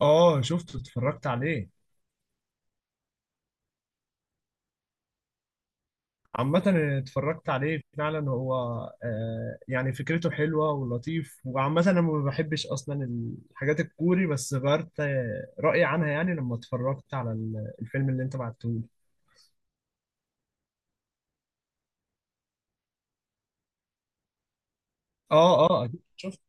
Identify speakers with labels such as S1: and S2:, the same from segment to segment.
S1: اه شفته اتفرجت عليه. عامة اتفرجت عليه فعلا. هو آه يعني فكرته حلوة ولطيف، وعامة انا ما بحبش اصلا الحاجات الكوري، بس غيرت رأيي عنها يعني لما اتفرجت على الفيلم اللي انت بعته لي. اه أكيد شفت.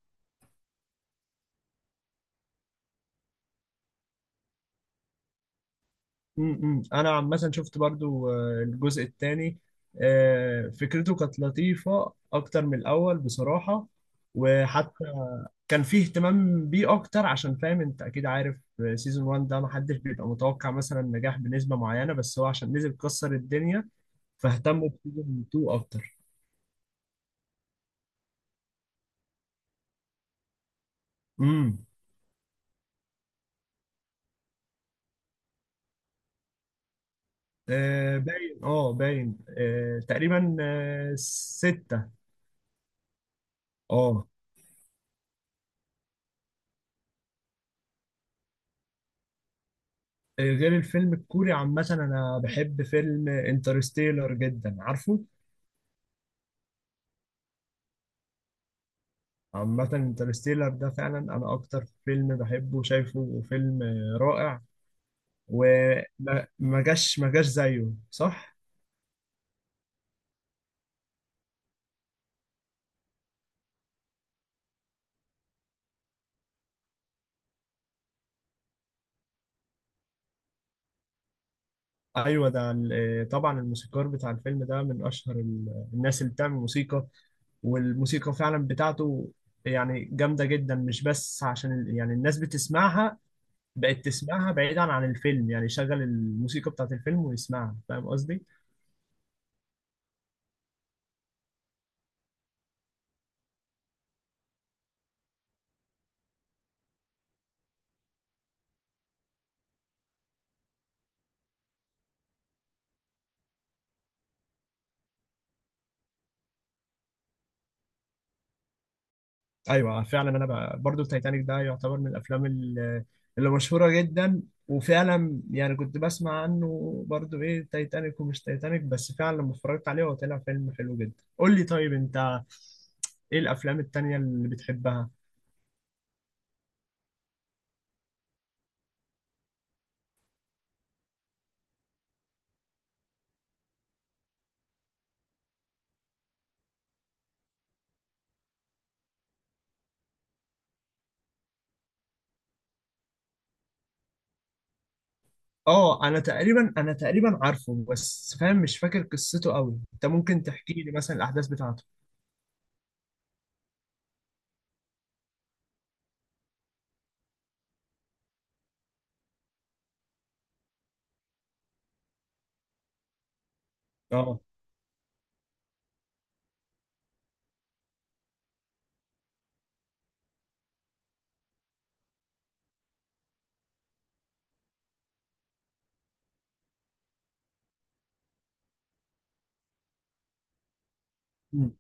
S1: م -م. انا عامة شفت برضو الجزء الثاني. آه، فكرته كانت لطيفة اكتر من الاول بصراحة. وحتى كان فيه اهتمام بيه اكتر، عشان فاهم انت اكيد عارف سيزون 1 ده محدش بيبقى متوقع مثلا نجاح بنسبة معينة، بس هو عشان نزل كسر الدنيا، فاهتموا بسيزون 2 اكتر. امم آه باين، اه باين تقريبا آه ستة. اه. غير الفيلم الكوري، عامة انا بحب فيلم انترستيلر جدا عارفه. عامة انترستيلر ده فعلا انا اكتر فيلم بحبه، شايفه فيلم رائع. وما ما جاش ما جاش زيه، صح؟ ايوه ده ال- طبعا الموسيقار بتاع الفيلم ده من اشهر ال- الناس اللي بتعمل موسيقى والموسيقى فعلا بتاعته يعني جامده جدا مش بس عشان ال- يعني الناس بتسمعها بقت تسمعها بعيدا عن الفيلم يعني شغل الموسيقى بتاعت الفيلم ويسمعها فاهم قصدي؟ ايوه فعلا. انا بقى برضو تايتانيك ده يعتبر من الافلام اللي مشهوره جدا. وفعلا يعني كنت بسمع عنه برضو ايه تايتانيك ومش تايتانيك، بس فعلا لما اتفرجت عليه هو طلع فيلم حلو جدا. قول لي طيب انت ايه الافلام التانية اللي بتحبها؟ اه انا تقريبا، عارفه بس فاهم مش فاكر قصته قوي، انت ممكن تحكي لي مثلا الاحداث بتاعته؟ اه. مم.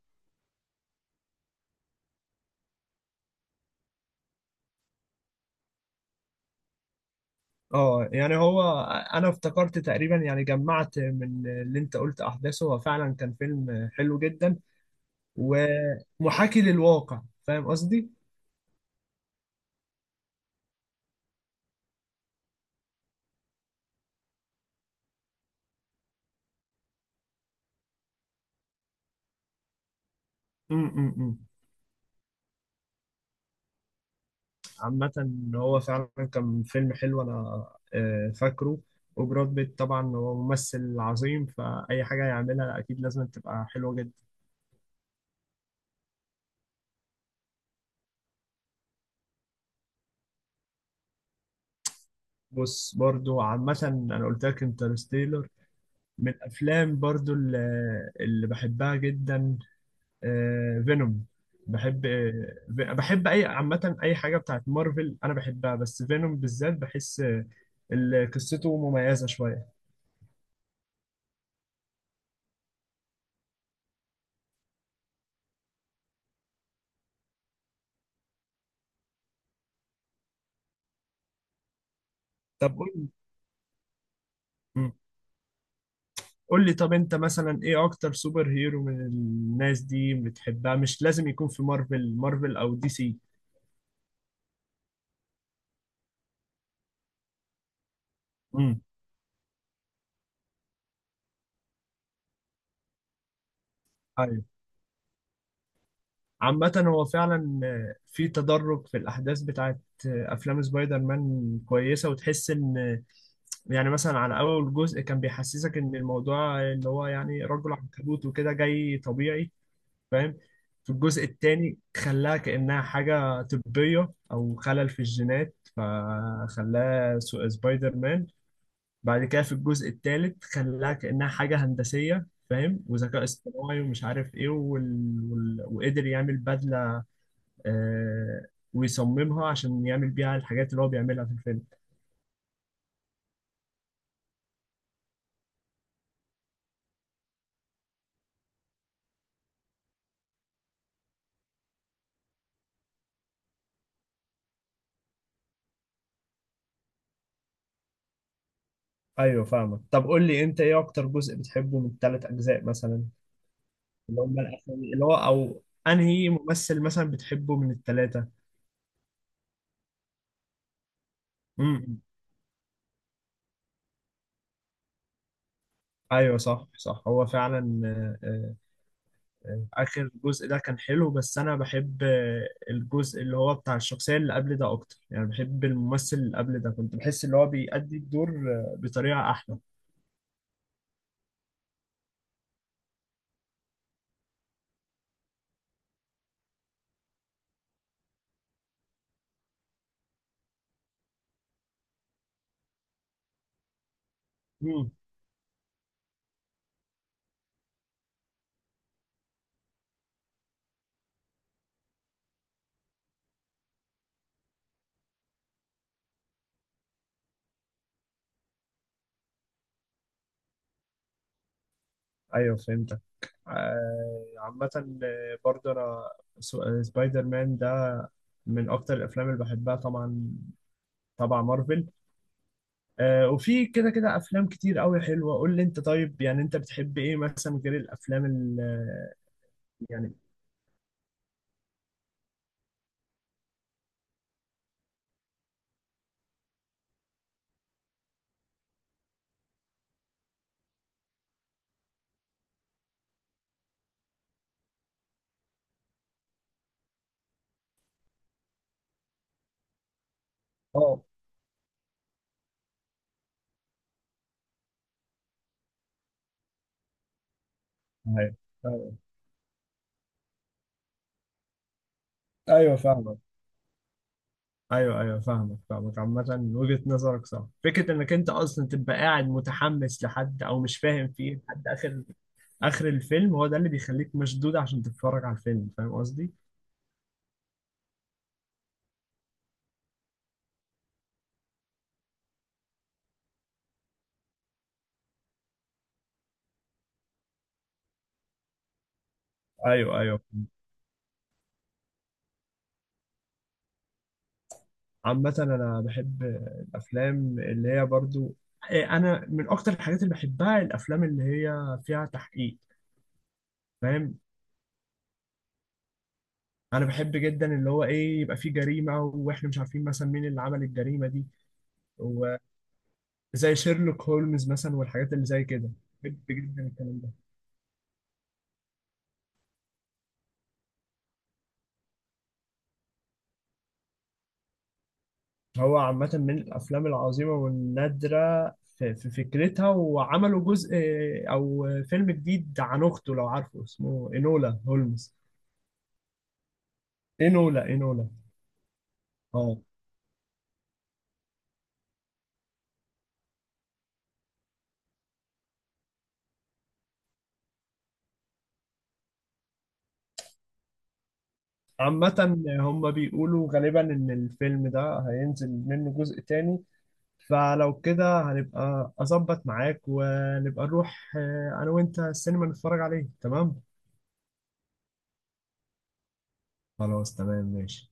S1: اه يعني هو انا افتكرت تقريبا، يعني جمعت من اللي انت قلت احداثه، هو فعلا كان فيلم حلو جدا ومحاكي للواقع، فاهم قصدي؟ مم، مم، مم. عامة هو فعلا كان فيلم حلو، انا فاكره. وبراد بيت طبعا هو ممثل عظيم، فأي حاجة يعملها أكيد لازم تبقى حلوة جدا. بص برضو عامة أنا قلت لك انترستيلر من الأفلام برضو اللي بحبها جدا. فينوم، بحب أي عامة أي حاجة بتاعت مارفل أنا بحبها، بس فينوم بالذات بحس اللي قصته مميزة شوية. طب قول لي. مم. قول لي طب أنت مثلا إيه أكتر سوبر هيرو من الناس دي بتحبها؟ مش لازم يكون في مارفل أو دي سي. امم عامة هو فعلا آه، في تدرج في الأحداث بتاعت أفلام سبايدر مان كويسة، وتحس إن يعني مثلا على أول جزء كان بيحسسك إن الموضوع اللي هو يعني رجل عنكبوت وكده جاي طبيعي، فاهم؟ في الجزء التاني خلاها كأنها حاجة طبية أو خلل في الجينات، فخلاها سبايدر مان. بعد كده في الجزء التالت خلاها كأنها حاجة هندسية، فاهم، وذكاء اصطناعي ومش عارف ايه وقدر يعمل بدلة آه، ويصممها عشان يعمل بيها الحاجات اللي هو بيعملها في الفيلم. ايوه فاهمك. طب قول لي انت ايه اكتر جزء بتحبه من الثلاث اجزاء مثلا، اللي هم الاسامي اللي هو، او انهي ممثل مثلا بتحبه من الثلاثه؟ امم. ايوه صح صح. هو فعلا اخر جزء ده كان حلو، بس انا بحب الجزء اللي هو بتاع الشخصيه اللي قبل ده اكتر. يعني بحب الممثل اللي قبل ده، كنت بحس اللي هو بيأدي الدور بطريقه احلى. مم. ايوه فهمتك. عامة برضه انا سبايدر مان ده من اكتر الافلام اللي بحبها طبعا. طبعا مارفل وفي كده كده افلام كتير قوي حلوة. قول لي انت طيب، يعني انت بتحب ايه مثلا غير الافلام يعني؟ اه. ايوه ايوه. أيوة، فاهمك. ايوه ايوه، فاهمك فاهمك. عامة وجهة نظرك صح، فكرة انك انت اصلا تبقى قاعد متحمس لحد او مش فاهم فيه لحد اخر اخر الفيلم، هو ده اللي بيخليك مشدود عشان تتفرج على الفيلم، فاهم قصدي؟ ايوه ايوه. عامة انا بحب الافلام اللي هي برضو إيه، انا من اكتر الحاجات اللي بحبها الافلام اللي هي فيها تحقيق، فاهم؟ انا بحب جدا اللي هو ايه، يبقى فيه جريمة واحنا مش عارفين مثلا مين اللي عمل الجريمة دي، وزي شيرلوك هولمز مثلا والحاجات اللي زي كده. بحب جدا الكلام ده. هو عامة من الافلام العظيمة والنادرة في فكرتها. وعملوا جزء او فيلم جديد عن اخته، لو عارفه، اسمه انولا هولمز. انولا. اه. عامة هم بيقولوا غالبا إن الفيلم ده هينزل منه جزء تاني، فلو كده هنبقى أظبط معاك ونبقى نروح أنا وأنت السينما نتفرج عليه، تمام؟ خلاص تمام ماشي.